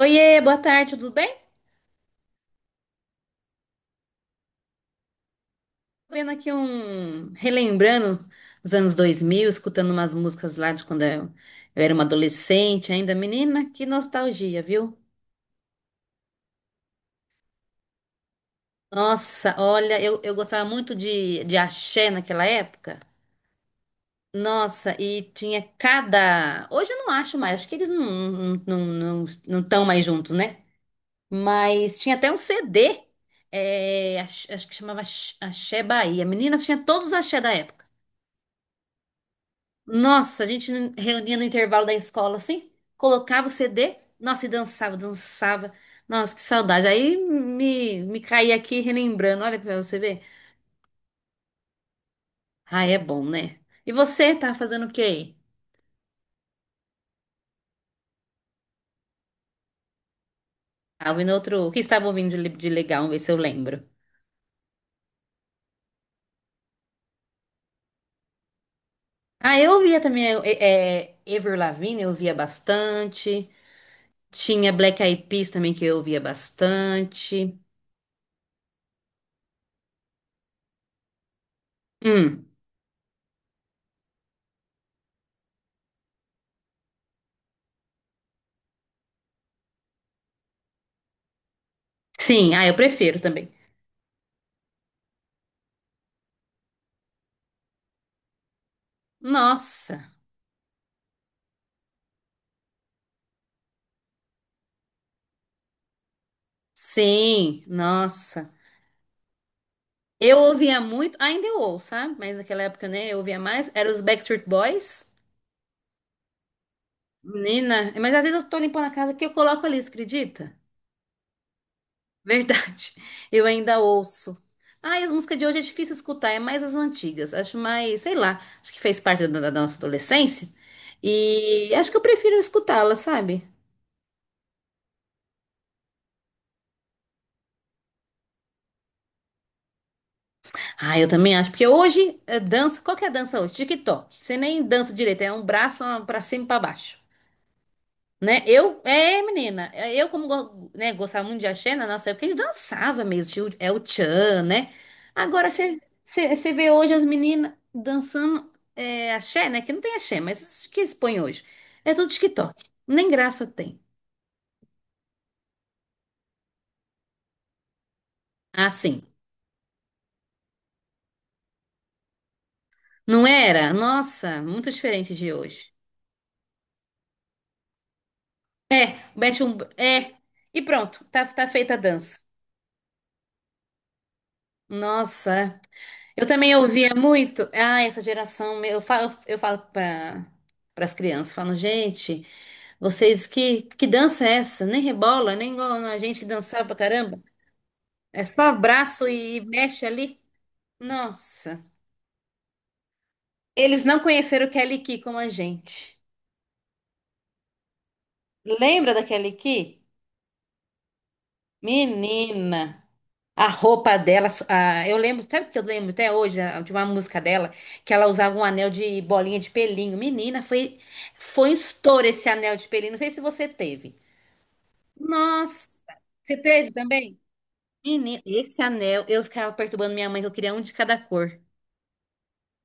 Oiê, boa tarde, tudo bem? Tô vendo aqui um... Relembrando os anos 2000, escutando umas músicas lá de quando eu era uma adolescente ainda. Menina, que nostalgia, viu? Nossa, olha, eu gostava muito de axé naquela época. Nossa, e tinha cada... Hoje eu não acho mais, acho que eles não estão mais juntos, né? Mas tinha até um CD, é, acho que chamava Axé Bahia. Meninas, tinha todos os axé da época. Nossa, a gente reunia no intervalo da escola assim, colocava o CD, nossa, e dançava, dançava. Nossa, que saudade. Aí me caí aqui relembrando, olha pra você ver. Ah, é bom, né? E você tá fazendo o quê aí? Ah, ouvindo outro. O que estava ouvindo de legal? Vamos ver se eu lembro. Ah, eu ouvia também Avril Lavigne, eu ouvia bastante. Tinha Black Eyed Peas também que eu ouvia bastante. Hum, sim, ah, eu prefiro também. Nossa, sim, nossa. Eu ouvia muito, ainda eu ouço, sabe? Mas naquela época, né, eu ouvia mais. Era os Backstreet Boys. Menina, mas às vezes eu tô limpando a casa que eu coloco ali, você acredita? Verdade. Eu ainda ouço. Ai, as músicas de hoje é difícil escutar, é mais as antigas. Acho mais, sei lá, acho que fez parte da nossa adolescência. E acho que eu prefiro escutá-la, sabe? Ah, eu também acho, porque hoje é dança, qual que é a dança hoje? TikTok. Você nem dança direito, é um braço ó, pra cima e pra baixo. Né? Menina, eu como, gostava muito de axé na nossa época, a gente dançava mesmo, tinha o tchan, né? Agora você vê hoje as meninas dançando axé, né? Que não tem axé, mas isso que eles põem hoje. É tudo TikTok, nem graça tem. Assim, não era? Nossa, muito diferente de hoje. É, mexe um, é, e pronto, tá feita a dança. Nossa. É. Eu também ouvia muito, ah, essa geração, meu, eu falo para as crianças, falo, gente, vocês que dança é essa? Nem rebola, nem igual a gente que dançava pra caramba. É só abraço e mexe ali. Nossa. Eles não conheceram Kelly Key como a gente. Lembra da Kelly Key? Menina, a roupa dela, eu lembro, sabe o que eu lembro até hoje de uma música dela, que ela usava um anel de bolinha de pelinho. Menina, foi um estouro esse anel de pelinho. Não sei se você teve. Nossa, você teve também? Menina, esse anel, eu ficava perturbando minha mãe que eu queria um de cada cor.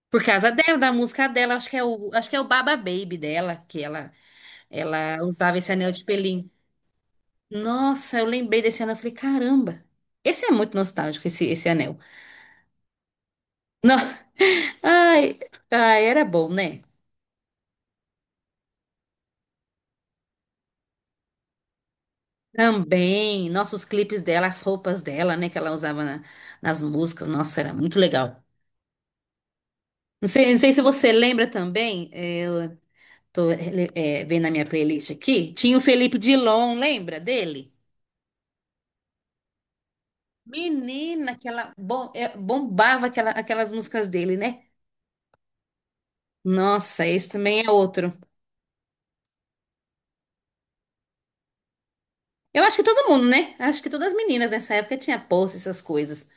Por causa dela, da música dela, acho que é o Baba Baby dela, que ela usava esse anel de pelinho. Nossa, eu lembrei desse anel, eu falei, caramba. Esse é muito nostálgico, esse anel. Não. Ai, ai, era bom, né? Também, nossos clipes dela, as roupas dela, né, que ela usava nas músicas, nossa, era muito legal. Não sei, não sei se você lembra também, eu vendo a minha playlist aqui, tinha o Felipe Dilon, lembra dele? Menina, bombava aquelas músicas dele, né? Nossa, esse também é outro. Eu acho que todo mundo, né? Acho que todas as meninas nessa época tinha post essas coisas.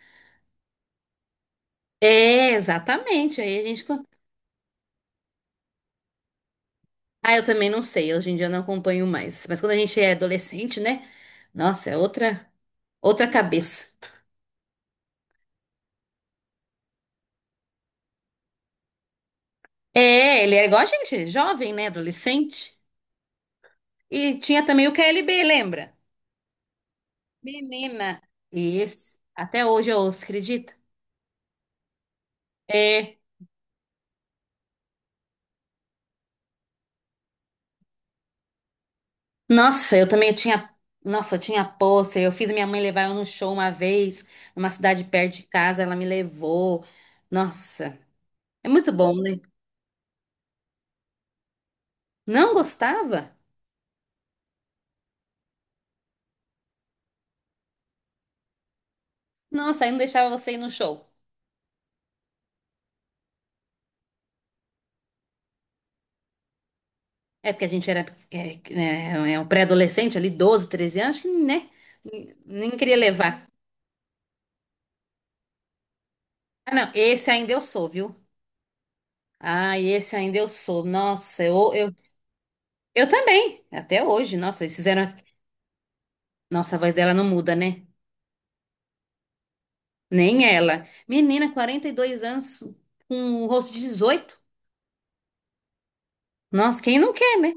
É, exatamente. Aí a gente. Ah, eu também não sei, hoje em dia eu não acompanho mais. Mas quando a gente é adolescente, né? Nossa, é outra cabeça. É, ele é igual a gente, jovem, né? Adolescente. E tinha também o KLB, lembra? Menina. Isso. Até hoje eu ouço, acredita? É. Nossa, eu também tinha. Nossa, eu tinha pôster. Eu fiz minha mãe levar eu num show uma vez, numa cidade perto de casa, ela me levou. Nossa, é muito bom, né? Não gostava? Nossa, aí não deixava você ir no show. É porque a gente era é um pré-adolescente ali, 12, 13 anos, que, né? Nem queria levar. Ah, não, esse ainda eu sou, viu? Ah, esse ainda eu sou. Nossa, eu também, até hoje. Nossa, eles fizeram. Nossa, a voz dela não muda, né? Nem ela. Menina, 42 anos, com um rosto de 18. Nossa, quem não quer, né?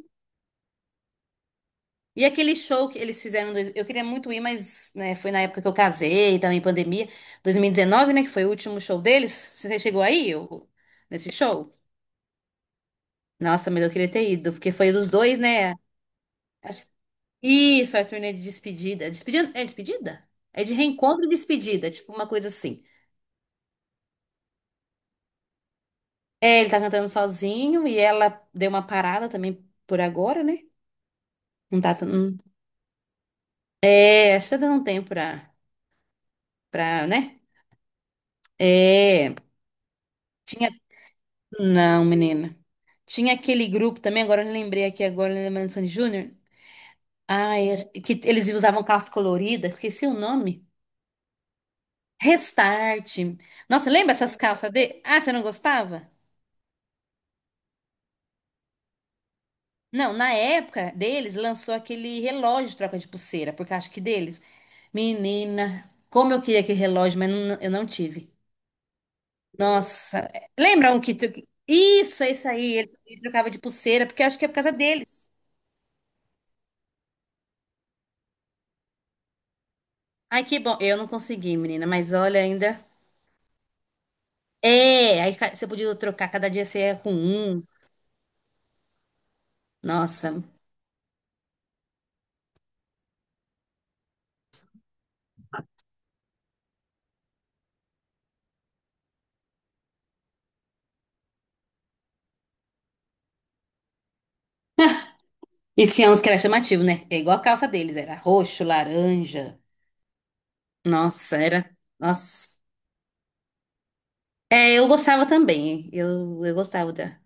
E aquele show que eles fizeram, eu queria muito ir, mas né, foi na época que eu casei, também pandemia, 2019, né, que foi o último show deles. Você chegou aí, eu, nesse show? Nossa, mas eu queria ter ido, porque foi dos dois, né? Acho- Isso, a turnê de despedida. Despedida? É despedida? É de reencontro e despedida, tipo uma coisa assim. É, ele tá cantando sozinho e ela deu uma parada também por agora, né? Não tá. tão- não- É, acho que tá dando um tempo pra, né? É. Tinha. Não, menina. Tinha aquele grupo também, agora eu lembrei aqui agora, lembrando de Sandy Júnior. Ai, acho que eles usavam calça colorida, esqueci o nome. Restart. Nossa, lembra essas calças de... Ah, você não gostava? Não, na época deles lançou aquele relógio de troca de pulseira, porque acho que deles. Menina, como eu queria aquele relógio, mas eu não tive. Nossa, lembra um que tu... Isso, é isso aí. Ele trocava de pulseira, porque acho que é por causa deles. Ai, que bom. Eu não consegui, menina, mas olha ainda. É, você podia trocar, cada dia você ia com um. Nossa. E tinha uns que era chamativo, né? É igual a calça deles, era roxo, laranja. Nossa, era. Nossa. É, eu gostava também. Eu gostava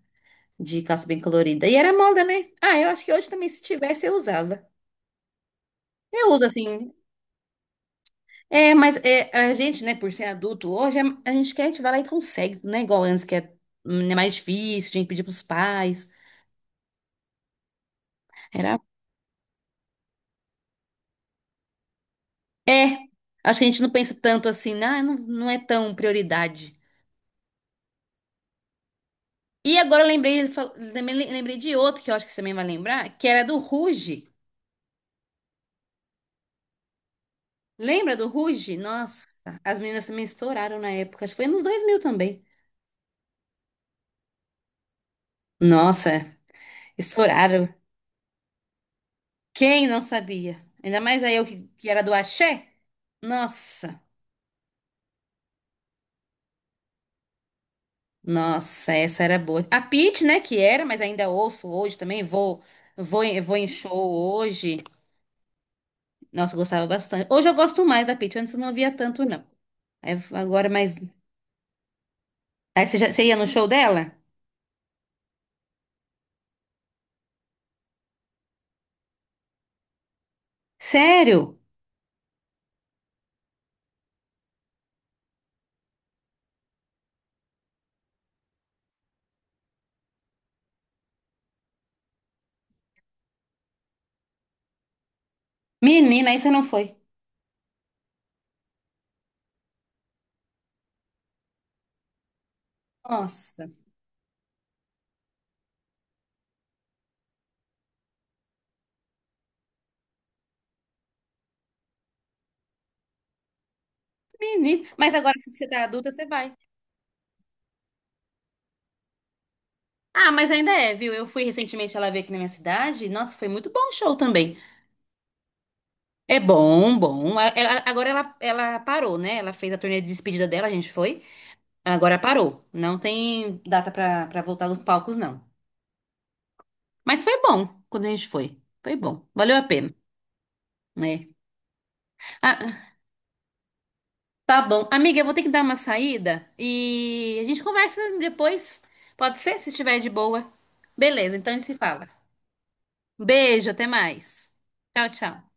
de calça bem colorida. E era moda, né? Ah, eu acho que hoje também, se tivesse, eu usava. Eu uso assim. É, mas é, a gente, né, por ser adulto, a gente quer, a gente vai lá e consegue, né? Igual antes, é mais difícil, tinha que pedir pros pais. É, acho que a gente não pensa tanto assim, né? Ah, não, é tão prioridade. E agora eu lembrei, ele fal- também le- lembrei de outro que eu acho que você também vai lembrar, que era do Ruge. Lembra do Ruge? Nossa, as meninas também estouraram na época, acho que foi nos 2000 também. Nossa, estouraram. Quem não sabia? Ainda mais aí eu que era do Axé. Nossa, nossa, essa era boa. A Pitty, né, que era, mas ainda ouço hoje também, vou em show hoje. Nossa, eu gostava bastante. Hoje eu gosto mais da Pitty, antes eu não via tanto, não. Aí, agora mais. Aí você ia no show dela? Sério? Menina, aí você não foi. Nossa, menina. Mas agora, se você tá adulta, você vai. Ah, mas ainda é, viu? Eu fui recentemente, ela veio aqui na minha cidade. Nossa, foi muito bom o show também. É bom, bom. Agora ela parou, né? Ela fez a turnê de despedida dela, a gente foi. Agora parou. Não tem data pra voltar nos palcos, não. Mas foi bom quando a gente foi. Foi bom. Valeu a pena, né? Ah, tá bom. Amiga, eu vou ter que dar uma saída e a gente conversa depois. Pode ser, se estiver de boa. Beleza, então a gente se fala. Beijo, até mais. Tchau, tchau.